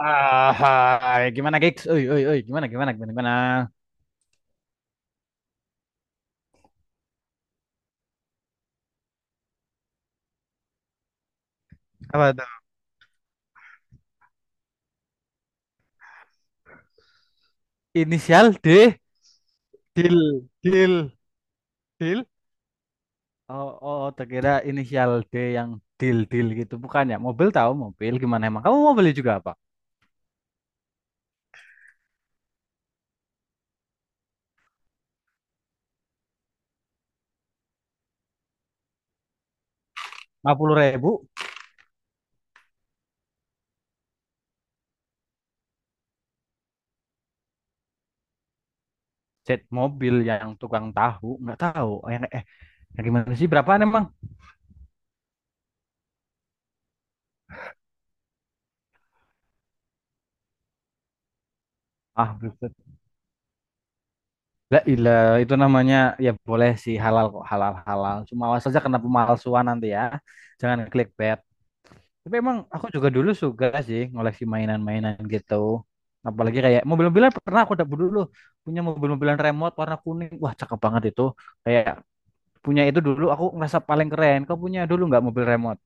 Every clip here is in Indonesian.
Ah, gimana gigs? Oi, oi, oi, gimana, gimana, gimana, gimana? Apa tuh? Inisial D, deal, deal, deal. Oh, oh, oh, terkira inisial D yang deal, deal gitu, bukan ya? Mobil tahu mobil gimana emang? Kamu mau beli juga apa? 50 ribu, jet mobil yang tukang tahu nggak tahu. Oh, yang gimana sih? Berapaan emang? Ah, buset. La ilah, itu namanya ya boleh sih halal kok halal halal. Cuma awas saja kena pemalsuan nanti ya. Jangan klik. Tapi emang aku juga dulu suka sih ngoleksi mainan-mainan gitu. Apalagi kayak mobil-mobilan, pernah aku dapat dulu punya mobil-mobilan remote warna kuning. Wah, cakep banget itu. Kayak punya itu dulu aku ngerasa paling keren. Kau punya dulu nggak mobil remote?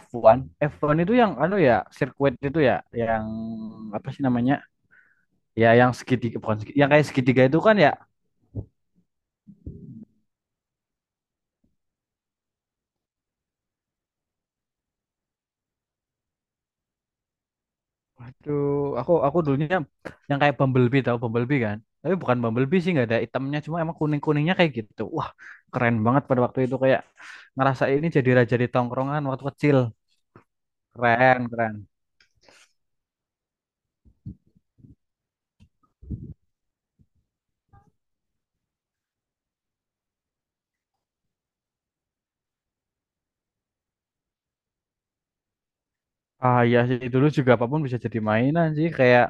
F1, F1 itu yang anu ya, sirkuit itu ya, yang apa sih namanya? Ya yang segitiga, bukan segitiga, yang kayak segitiga itu kan ya. Waduh, aku dulunya yang kayak Bumblebee, tau Bumblebee kan? Tapi bukan Bumblebee sih, nggak ada itemnya, cuma emang kuning-kuningnya kayak gitu. Wah, keren banget pada waktu itu, kayak ngerasa ini jadi raja di tongkrongan waktu kecil. Keren, keren. Ah iya sih, dulu juga apapun bisa jadi mainan sih, kayak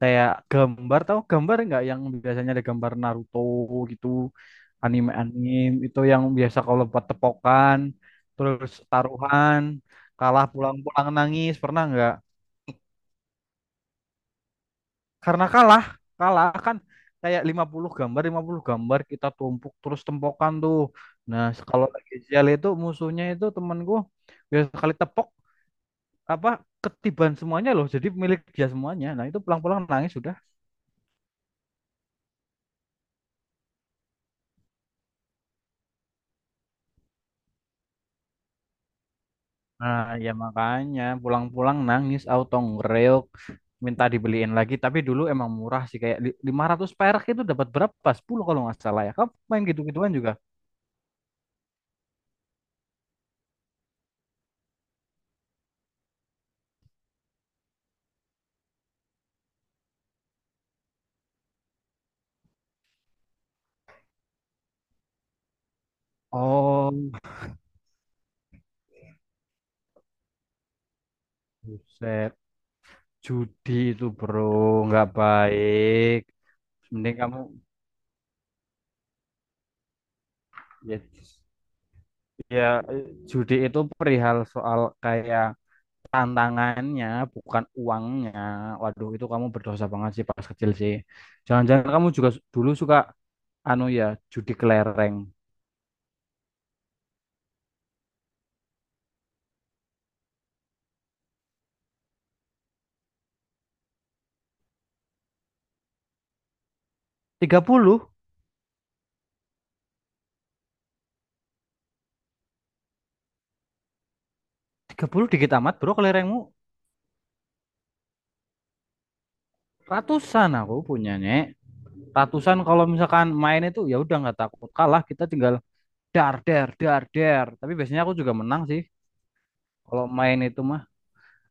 kayak gambar, tau gambar nggak, yang biasanya ada gambar Naruto gitu, anime-anime itu yang biasa kalau buat tepokan, terus taruhan, kalah pulang-pulang nangis, pernah nggak? Karena kalah, kalah kan kayak 50 gambar 50 gambar kita tumpuk terus tempokan tuh. Nah kalau lagi sial itu, musuhnya itu temanku, biasa kali tepok, apa, ketiban semuanya loh, jadi milik dia semuanya. Nah itu pulang-pulang nangis sudah. Nah ya makanya pulang-pulang nangis auto ngereok, minta dibeliin lagi. Tapi dulu emang murah sih, kayak 500 perak itu dapat berapa, 10 kalau nggak salah. Ya, kamu main gitu-gituan juga? Oh, buset. Judi itu bro, nggak baik. Mending kamu, ya, ya, judi itu perihal soal kayak tantangannya, bukan uangnya. Waduh, itu kamu berdosa banget sih pas kecil sih. Jangan-jangan kamu juga dulu suka anu ya, judi kelereng. 30. 30 dikit amat bro kelerengmu. Ratusan aku punyanya. Ratusan, kalau misalkan main itu ya udah nggak takut kalah, kita tinggal dar der dar der. Tapi biasanya aku juga menang sih. Kalau main itu mah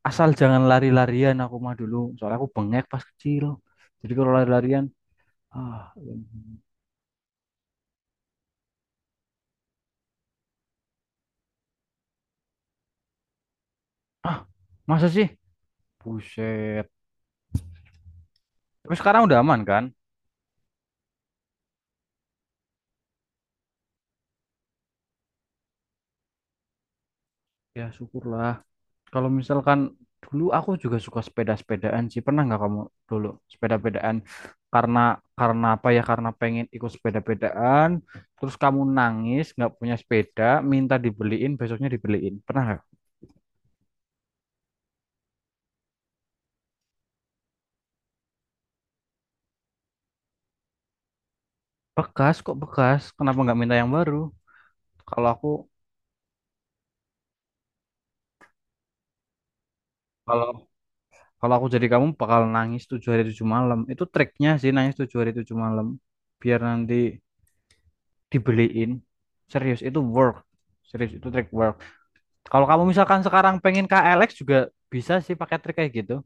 asal jangan lari-larian aku mah dulu. Soalnya aku bengek pas kecil. Jadi kalau lari-larian, ah, ya ampun. Ah, masa sih? Buset. Tapi sekarang udah aman kan? Ya syukurlah. Kalau misalkan dulu aku juga suka sepeda-sepedaan sih. Pernah nggak kamu dulu sepeda-pedaan? Karena karena apa ya? Karena pengen ikut sepeda-pedaan. Terus kamu nangis nggak punya sepeda, minta dibeliin, besoknya dibeliin. Pernah nggak? Bekas kok bekas. Kenapa nggak minta yang baru? Kalau aku kalau Kalau aku jadi kamu bakal nangis 7 hari 7 malam. Itu triknya sih, nangis 7 hari 7 malam. Biar nanti dibeliin. Serius itu work. Serius itu trik work. Kalau kamu misalkan sekarang pengen ke Alex juga, bisa sih pakai trik kayak gitu.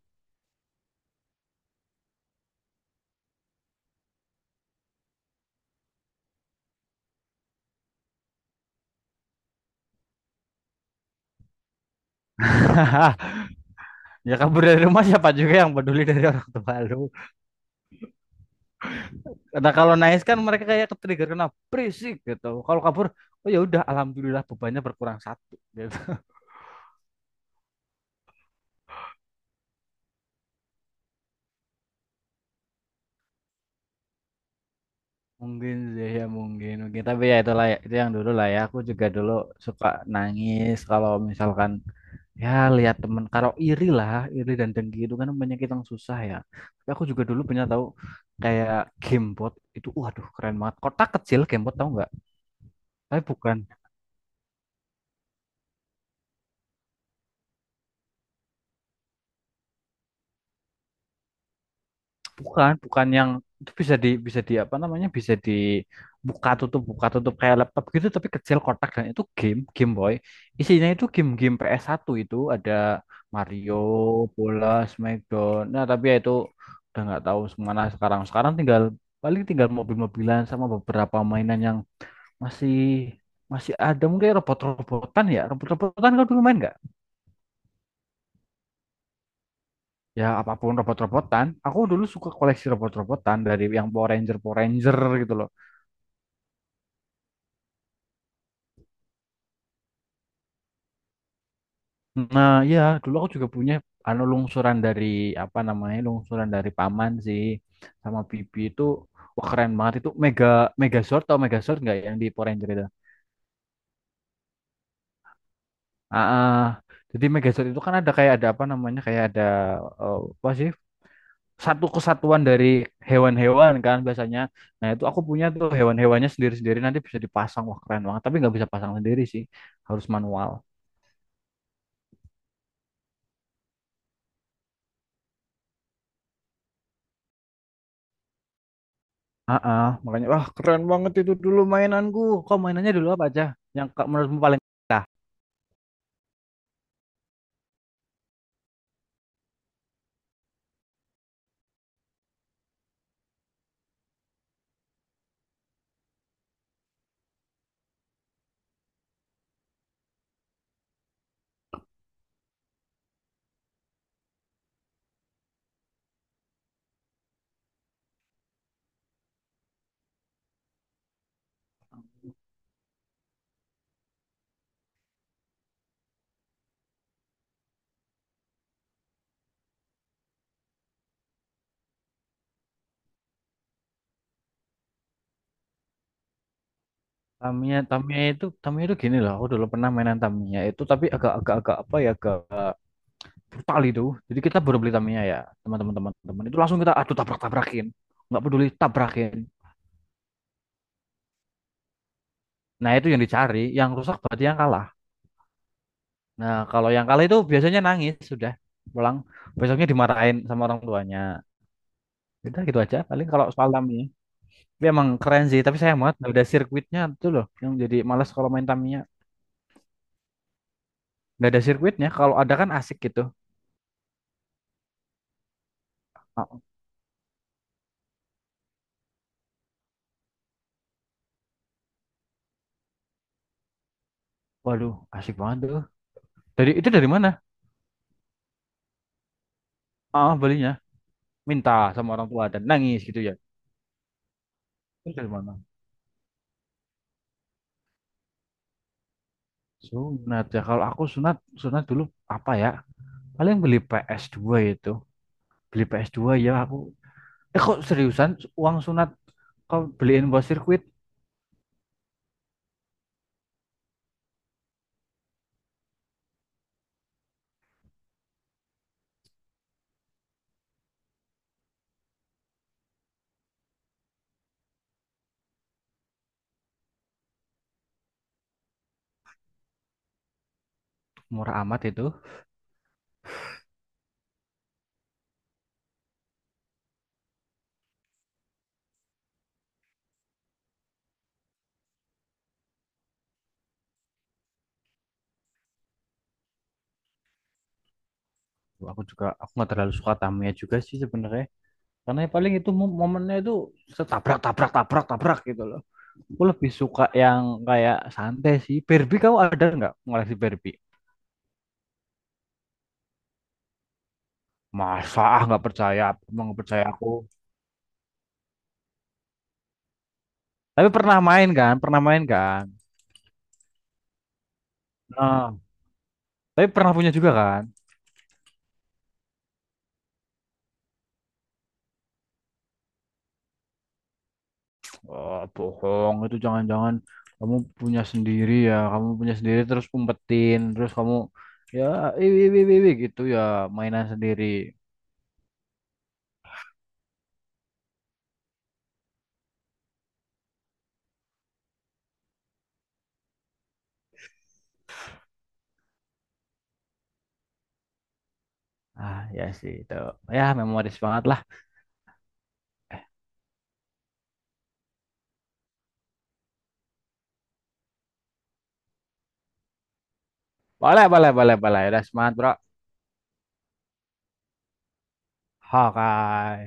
Ya kabur dari rumah, siapa juga yang peduli, dari orang tua lu. Nah kalau nangis kan mereka kayak ke-trigger, kena berisik gitu. Kalau kabur, oh ya udah, alhamdulillah bebannya berkurang satu gitu. Mungkin sih ya, mungkin mungkin, tapi ya itulah, ya itu yang dulu lah ya, aku juga dulu suka nangis kalau misalkan ya lihat temen, kalau iri lah, iri dan dengki itu kan penyakit yang susah ya. Tapi aku juga dulu punya tahu, kayak gamebot itu, waduh keren banget, kotak kecil, gamebot tahu nggak? Tapi bukan, bukan bukan yang itu, bisa di apa namanya, bisa dibuka tutup buka tutup kayak laptop gitu, tapi kecil kotak, dan itu game Game Boy, isinya itu game-game ps satu, itu ada Mario, bola, Smackdown. Nah tapi ya itu udah nggak tahu kemana sekarang, sekarang tinggal paling tinggal mobil-mobilan sama beberapa mainan yang masih masih ada. Mungkin robot-robotan, ya robot-robotan, kau dulu main nggak? Ya apapun robot-robotan, aku dulu suka koleksi robot-robotan, dari yang Power Ranger, Power Ranger gitu loh. Nah, ya dulu aku juga punya anu lungsuran dari, apa namanya, lungsuran dari paman sih sama bibi itu. Wah keren banget itu, megazord, atau megazord nggak, yang di Power Ranger itu? Ah, ah. Jadi megazord itu kan ada kayak ada, apa namanya, kayak ada, apa sih, satu kesatuan dari hewan-hewan kan biasanya. Nah itu aku punya tuh, hewan-hewannya sendiri-sendiri, nanti bisa dipasang, wah keren banget, tapi nggak bisa pasang sendiri sih, harus manual. Ah, makanya wah keren banget itu dulu mainanku. Kok mainannya dulu apa aja? Yang menurutmu paling keren? Tamiya itu gini loh. Aku dulu pernah mainan Tamiya itu, tapi agak-agak, agak apa ya, agak brutal itu. Jadi kita baru beli Tamiya ya, teman-teman. Itu langsung kita aduh tabrak-tabrakin, nggak peduli tabrakin. Nah itu yang dicari, yang rusak berarti yang kalah. Nah kalau yang kalah itu biasanya nangis, sudah pulang. Besoknya dimarahin sama orang tuanya. Udah gitu aja. Paling kalau soal Tamiya. Tapi emang keren sih, tapi sayang banget nggak ada sirkuitnya tuh loh. Yang jadi malas kalau main Tamiya. Nggak ada sirkuitnya, kalau ada kan asik gitu. Ah, waduh, asik banget tuh. Dari itu dari mana? Ah, belinya minta sama orang tua dan nangis gitu ya. Itu dari mana? Sunat ya. Kalau aku sunat, dulu apa ya? Paling beli PS2 itu. Beli ps dua ya aku. Eh kok seriusan, uang sunat kau beliin buat sirkuit? Murah amat itu. Aku juga aku nggak terlalu suka Tamiya juga sih sebenarnya. Karena ya paling itu momennya itu setabrak tabrak tabrak tabrak gitu loh. Aku lebih suka yang kayak santai sih. Barbie, kau ada nggak ngoleksi Barbie? Masa, ah nggak percaya, emang nggak percaya aku. Tapi pernah main kan, pernah main kan. Nah, tapi pernah punya juga kan. Oh, bohong itu, jangan-jangan kamu punya sendiri ya, kamu punya sendiri terus umpetin, terus kamu ya iwi iwi iwi iwi gitu ya, mainan sendiri. Ah ya sih itu, ya memoris banget lah. Boleh, boleh, boleh, boleh. Udah semangat, bro. Hawkeye.